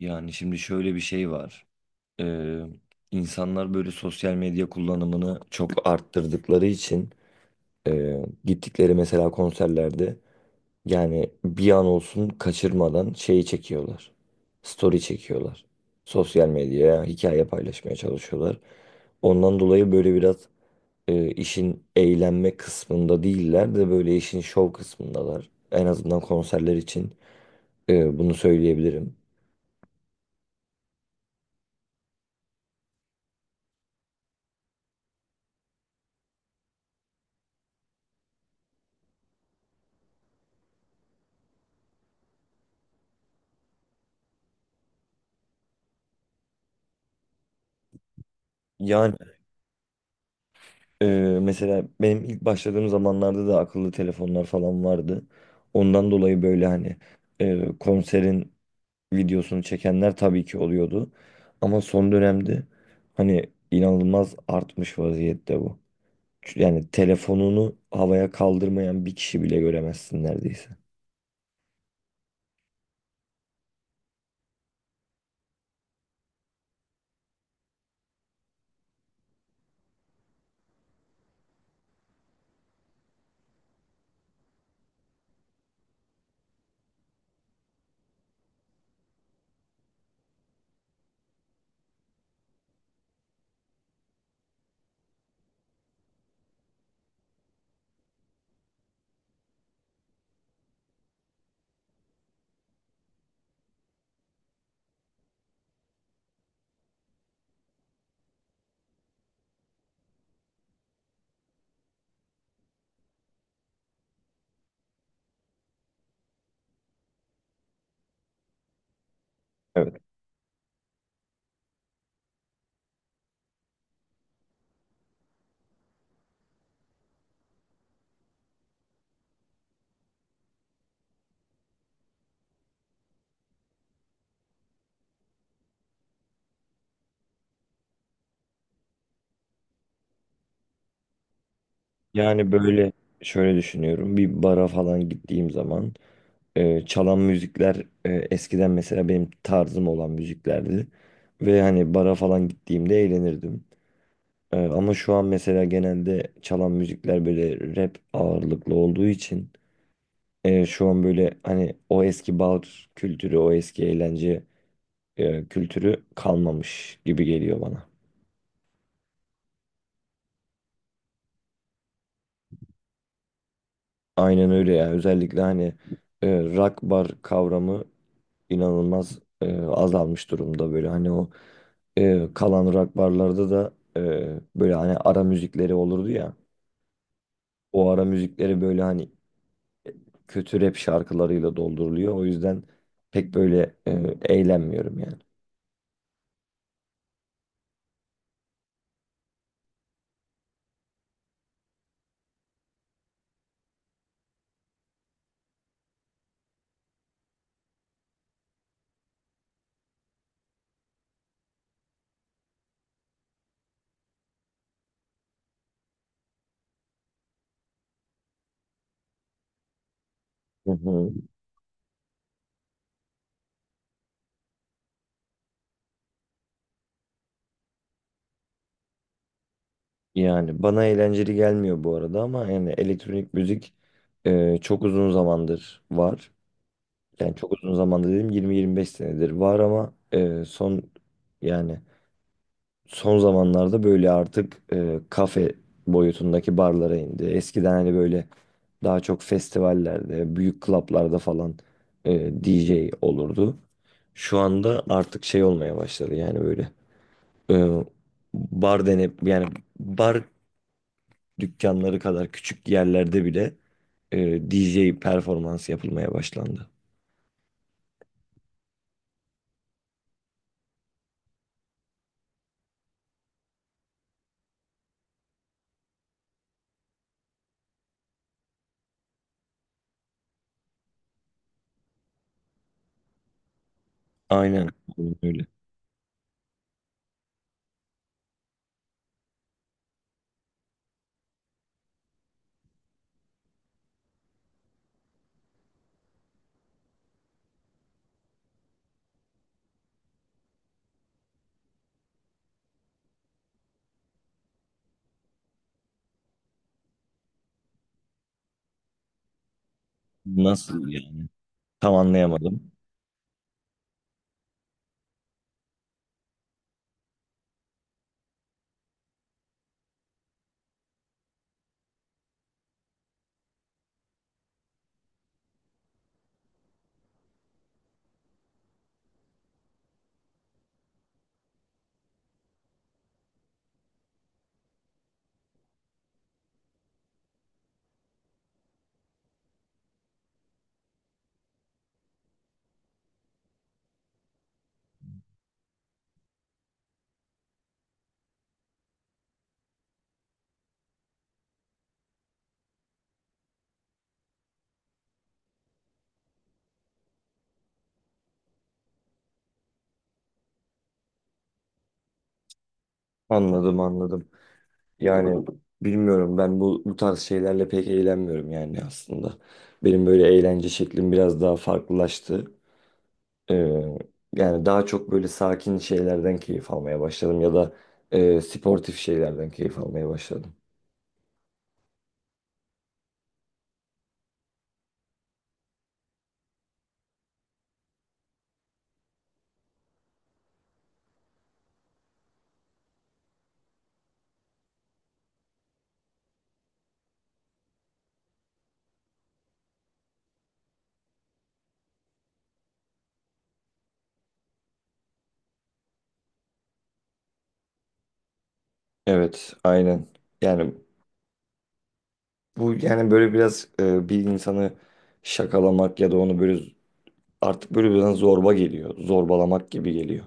Yani şimdi şöyle bir şey var. Ee, insanlar böyle sosyal medya kullanımını çok arttırdıkları için e, gittikleri mesela konserlerde yani bir an olsun kaçırmadan şeyi çekiyorlar. Story çekiyorlar. Sosyal medyaya hikaye paylaşmaya çalışıyorlar. Ondan dolayı böyle biraz işin eğlenme kısmında değiller de böyle işin şov kısmındalar. En azından konserler için bunu söyleyebilirim. Yani Ee, mesela benim ilk başladığım zamanlarda da akıllı telefonlar falan vardı. Ondan dolayı böyle hani konserin videosunu çekenler tabii ki oluyordu. Ama son dönemde hani inanılmaz artmış vaziyette bu. Yani telefonunu havaya kaldırmayan bir kişi bile göremezsin neredeyse. Evet. Yani böyle şöyle düşünüyorum. Bir bara falan gittiğim zaman çalan müzikler eskiden mesela benim tarzım olan müziklerdi. Ve hani bara falan gittiğimde eğlenirdim. Ama şu an mesela genelde çalan müzikler böyle rap ağırlıklı olduğu için şu an böyle hani o eski bar kültürü, o eski eğlence kültürü kalmamış gibi geliyor bana. Aynen öyle ya. Özellikle hani rock bar kavramı inanılmaz azalmış durumda, böyle hani o kalan rock barlarda da böyle hani ara müzikleri olurdu ya, o ara müzikleri böyle hani kötü rap şarkılarıyla dolduruluyor, o yüzden pek böyle eğlenmiyorum yani. Hı hı. Yani bana eğlenceli gelmiyor bu arada, ama yani elektronik müzik çok uzun zamandır var. Yani çok uzun zamanda dedim, 20-25 senedir var, ama son yani son zamanlarda böyle artık kafe boyutundaki barlara indi. Eskiden hani böyle daha çok festivallerde, büyük klaplarda falan DJ olurdu. Şu anda artık şey olmaya başladı, yani böyle e, bar denip yani bar dükkanları kadar küçük yerlerde bile DJ performans yapılmaya başlandı. Aynen aynen öyle. Nasıl yani? Tam anlayamadım. Anladım anladım. Yani bilmiyorum, ben bu tarz şeylerle pek eğlenmiyorum yani aslında. Benim böyle eğlence şeklim biraz daha farklılaştı. Ee, yani daha çok böyle sakin şeylerden keyif almaya başladım, ya da sportif şeylerden keyif almaya başladım. Evet, aynen. Yani bu yani böyle biraz bir insanı şakalamak ya da onu böyle artık böyle biraz zorba geliyor. Zorbalamak gibi geliyor.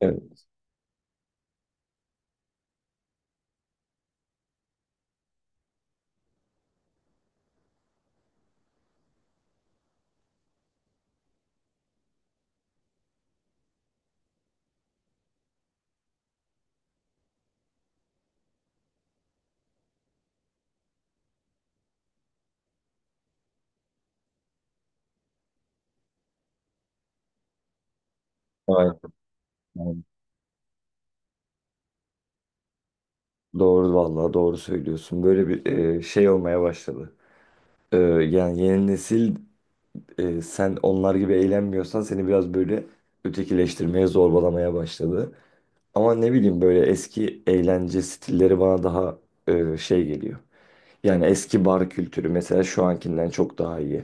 Evet. Aynen, aynen. Doğru vallahi, doğru söylüyorsun. Böyle bir şey olmaya başladı. Yani yeni nesil, sen onlar gibi eğlenmiyorsan seni biraz böyle ötekileştirmeye, zorbalamaya başladı. Ama ne bileyim, böyle eski eğlence stilleri bana daha şey geliyor. Yani eski bar kültürü mesela şu ankinden çok daha iyi.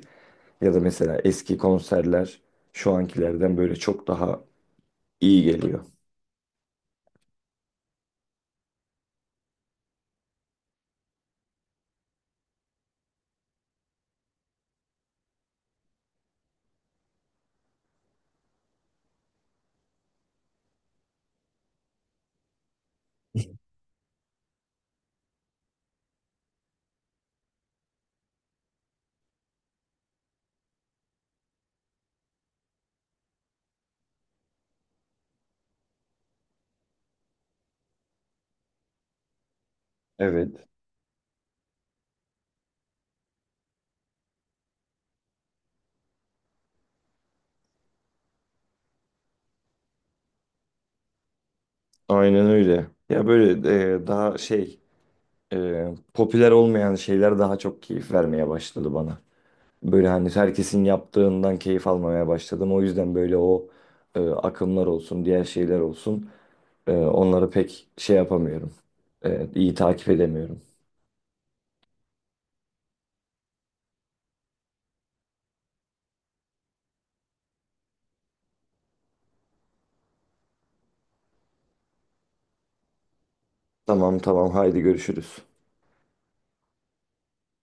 Ya da mesela eski konserler şu ankilerden böyle çok daha iyi geliyor. Evet. Aynen öyle. Ya böyle daha şey popüler olmayan şeyler daha çok keyif vermeye başladı bana. Böyle hani herkesin yaptığından keyif almamaya başladım. O yüzden böyle o akımlar olsun, diğer şeyler olsun onları pek şey yapamıyorum. İyi takip edemiyorum. Tamam tamam, haydi görüşürüz.